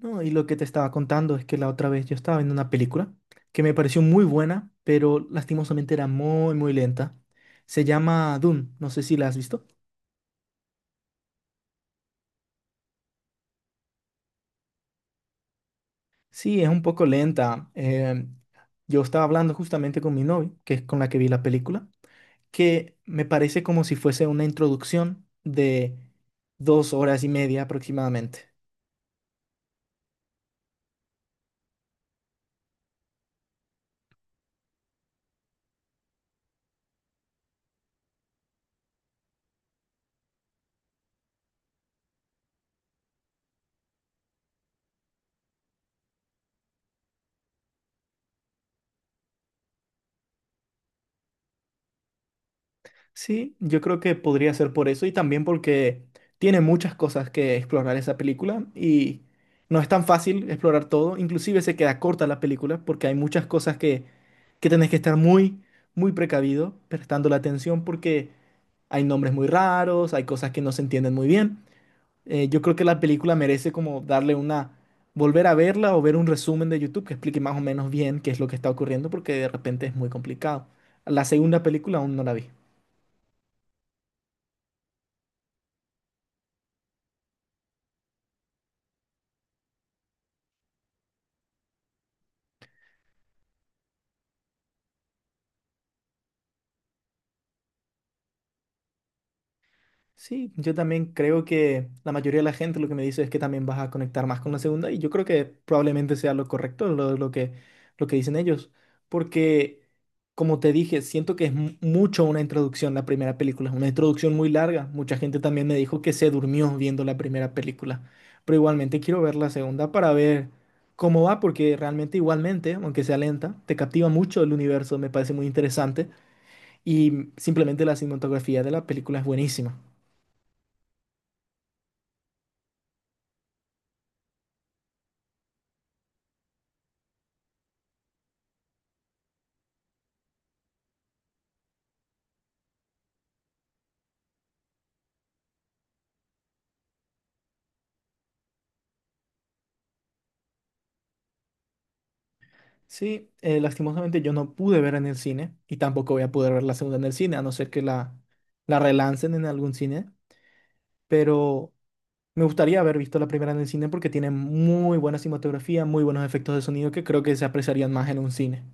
No, y lo que te estaba contando es que la otra vez yo estaba viendo una película que me pareció muy buena, pero lastimosamente era muy, muy lenta. Se llama Dune, no sé si la has visto. Sí, es un poco lenta. Yo estaba hablando justamente con mi novia, que es con la que vi la película, que me parece como si fuese una introducción de dos horas y media aproximadamente. Sí, yo creo que podría ser por eso y también porque tiene muchas cosas que explorar esa película y no es tan fácil explorar todo, inclusive se queda corta la película porque hay muchas cosas que tenés que estar muy, muy precavido, prestando la atención porque hay nombres muy raros, hay cosas que no se entienden muy bien. Yo creo que la película merece como volver a verla o ver un resumen de YouTube que explique más o menos bien qué es lo que está ocurriendo porque de repente es muy complicado. La segunda película aún no la vi. Sí, yo también creo que la mayoría de la gente lo que me dice es que también vas a conectar más con la segunda y yo creo que probablemente sea lo correcto lo que dicen ellos, porque como te dije, siento que es mucho una introducción la primera película, es una introducción muy larga, mucha gente también me dijo que se durmió viendo la primera película, pero igualmente quiero ver la segunda para ver cómo va, porque realmente igualmente, aunque sea lenta, te captiva mucho el universo, me parece muy interesante y simplemente la cinematografía de la película es buenísima. Sí, lastimosamente yo no pude ver en el cine y tampoco voy a poder ver la segunda en el cine, a no ser que la relancen en algún cine, pero me gustaría haber visto la primera en el cine porque tiene muy buena cinematografía, muy buenos efectos de sonido que creo que se apreciarían más en un cine.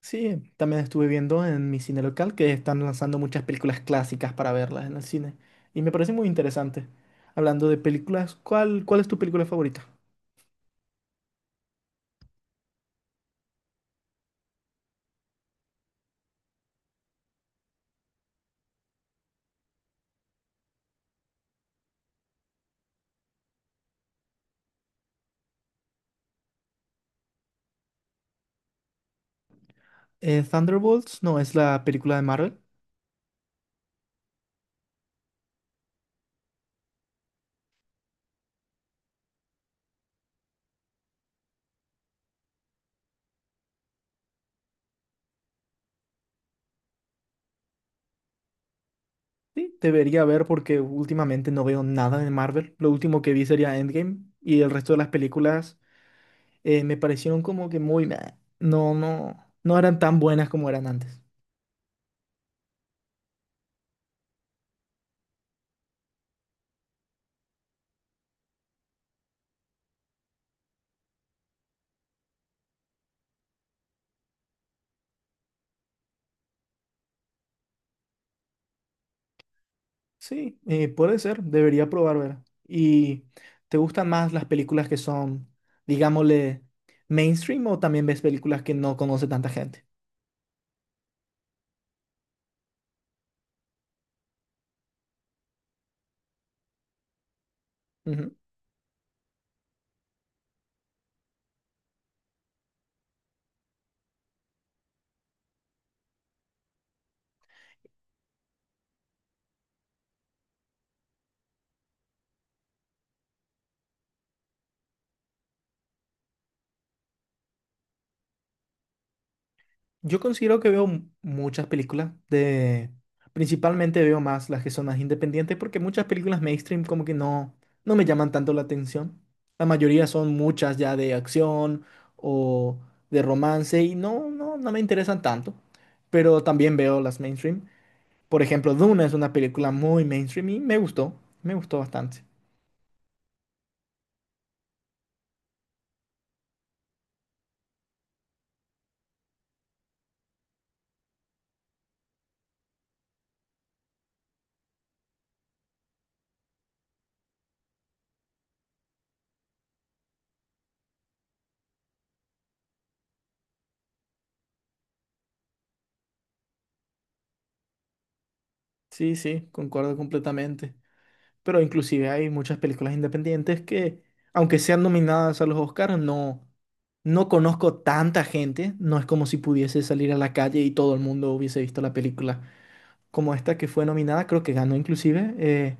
Sí, también estuve viendo en mi cine local que están lanzando muchas películas clásicas para verlas en el cine y me parece muy interesante. Hablando de películas, ¿ cuál es tu película favorita? Thunderbolts, no, es la película de Marvel. Sí, debería ver porque últimamente no veo nada de Marvel. Lo último que vi sería Endgame y el resto de las películas me parecieron como que muy... meh. No, no, no eran tan buenas como eran antes. Sí, puede ser, debería probar ver. ¿Y te gustan más las películas que son, digámosle, mainstream o también ves películas que no conoce tanta gente? Yo considero que veo muchas películas de... Principalmente veo más las que son más independientes porque muchas películas mainstream como que no me llaman tanto la atención. La mayoría son muchas ya de acción o de romance y no me interesan tanto. Pero también veo las mainstream. Por ejemplo, Duna es una película muy mainstream y me gustó bastante. Sí, sí, concuerdo completamente. Pero inclusive hay muchas películas independientes aunque sean nominadas a los Oscars, no, no conozco tanta gente. No es como si pudiese salir a la calle y todo el mundo hubiese visto la película. Como esta que fue nominada, creo que ganó inclusive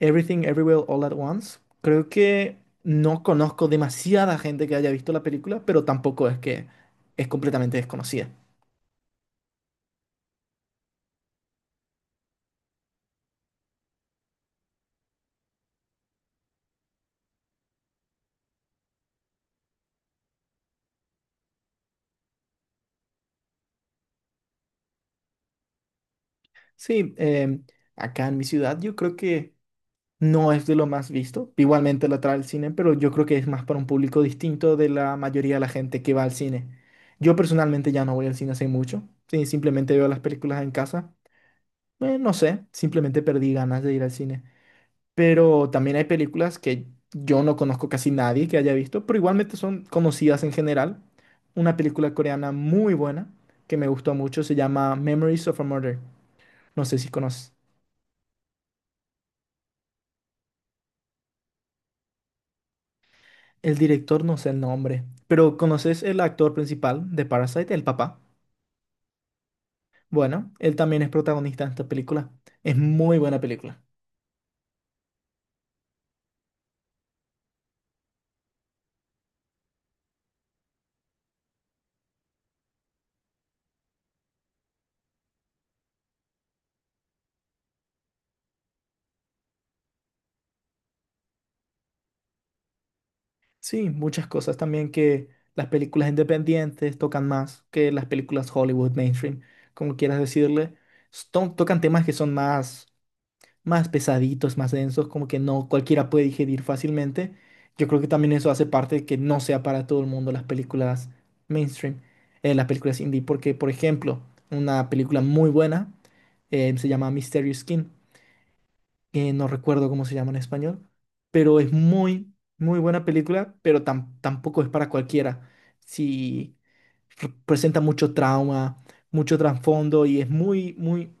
Everything Everywhere All at Once. Creo que no conozco demasiada gente que haya visto la película, pero tampoco es que es completamente desconocida. Sí, acá en mi ciudad yo creo que... No es de lo más visto. Igualmente la trae al cine, pero yo creo que es más para un público distinto de la mayoría de la gente que va al cine. Yo personalmente ya no voy al cine hace mucho. Sí, simplemente veo las películas en casa. No sé, simplemente perdí ganas de ir al cine. Pero también hay películas que yo no conozco casi nadie que haya visto, pero igualmente son conocidas en general. Una película coreana muy buena que me gustó mucho se llama Memories of a Murder. No sé si conoces. El director no sé el nombre, pero ¿conoces el actor principal de Parasite, el papá? Bueno, él también es protagonista en esta película. Es muy buena película. Sí, muchas cosas también que las películas independientes tocan más que las películas Hollywood mainstream, como quieras decirle. Tocan temas que son más más pesaditos, más densos, como que no cualquiera puede digerir fácilmente. Yo creo que también eso hace parte de que no sea para todo el mundo las películas mainstream, las películas indie, porque, por ejemplo, una película muy buena se llama Mysterious Skin no recuerdo cómo se llama en español, pero es muy, muy buena película, pero tampoco es para cualquiera. Si presenta mucho trauma, mucho trasfondo y es muy, muy,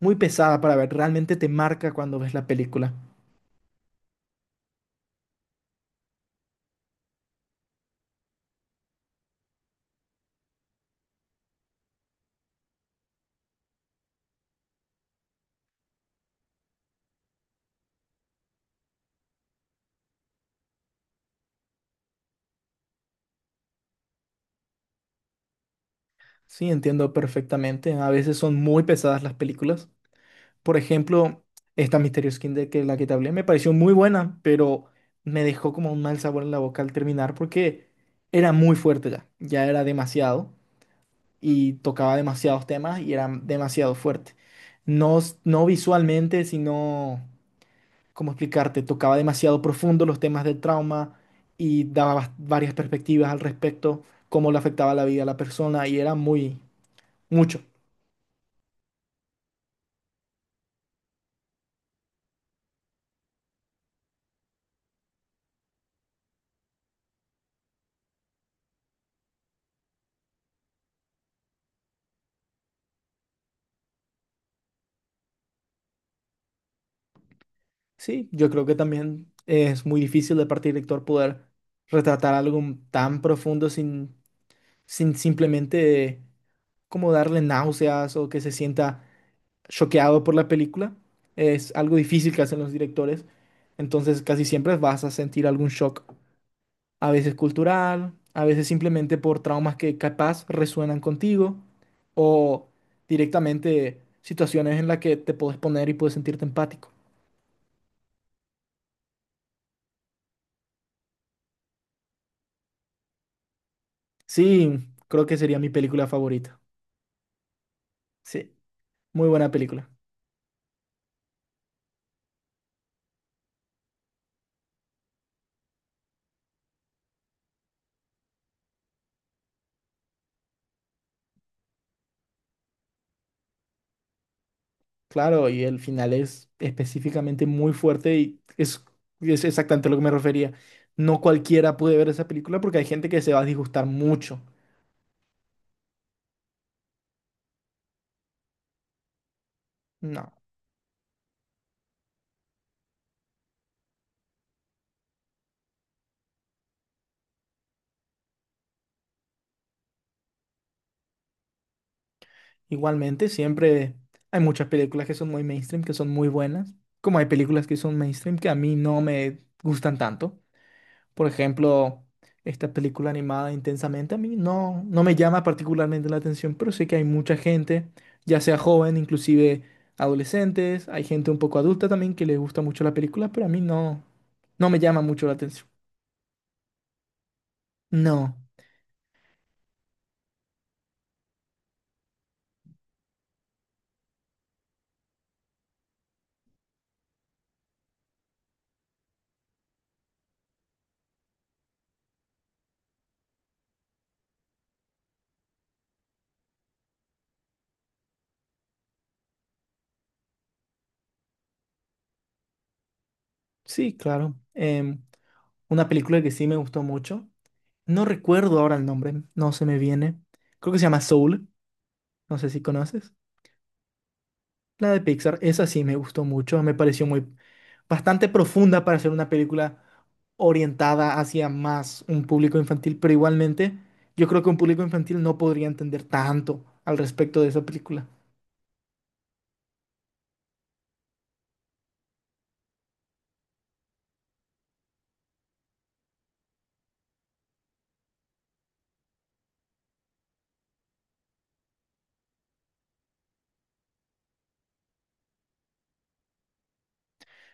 muy pesada para ver. Realmente te marca cuando ves la película. Sí, entiendo perfectamente. A veces son muy pesadas las películas. Por ejemplo, esta Mysterious Kinder, que es la que te hablé, me pareció muy buena, pero me dejó como un mal sabor en la boca al terminar porque era muy fuerte ya. Ya era demasiado. Y tocaba demasiados temas y era demasiado fuerte. No visualmente, sino, ¿cómo explicarte? Tocaba demasiado profundo los temas del trauma y daba varias perspectivas al respecto, cómo le afectaba la vida a la persona y era muy, mucho. Sí, yo creo que también es muy difícil de parte del lector poder retratar algo tan profundo sin simplemente como darle náuseas o que se sienta choqueado por la película. Es algo difícil que hacen los directores. Entonces casi siempre vas a sentir algún shock, a veces cultural, a veces simplemente por traumas que capaz resuenan contigo o directamente situaciones en las que te puedes poner y puedes sentirte empático. Sí, creo que sería mi película favorita. Sí, muy buena película. Claro, y el final es específicamente muy fuerte y es exactamente a lo que me refería. No cualquiera puede ver esa película porque hay gente que se va a disgustar mucho. No, igualmente siempre hay muchas películas que son muy mainstream, que son muy buenas, como hay películas que son mainstream que a mí no me gustan tanto. Por ejemplo, esta película animada Intensamente a mí no me llama particularmente la atención, pero sé que hay mucha gente, ya sea joven, inclusive adolescentes, hay gente un poco adulta también que les gusta mucho la película, pero a mí no me llama mucho la atención. No, sí, claro. Una película que sí me gustó mucho. No recuerdo ahora el nombre, no se me viene. Creo que se llama Soul, no sé si conoces. La de Pixar, esa sí me gustó mucho, me pareció muy bastante profunda para ser una película orientada hacia más un público infantil, pero igualmente yo creo que un público infantil no podría entender tanto al respecto de esa película.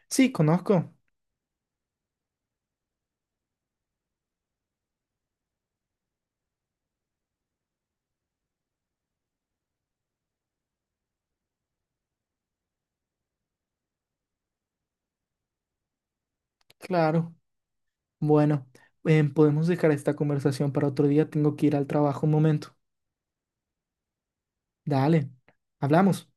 Sí, conozco, claro. Bueno, podemos dejar esta conversación para otro día, tengo que ir al trabajo un momento. Dale, hablamos.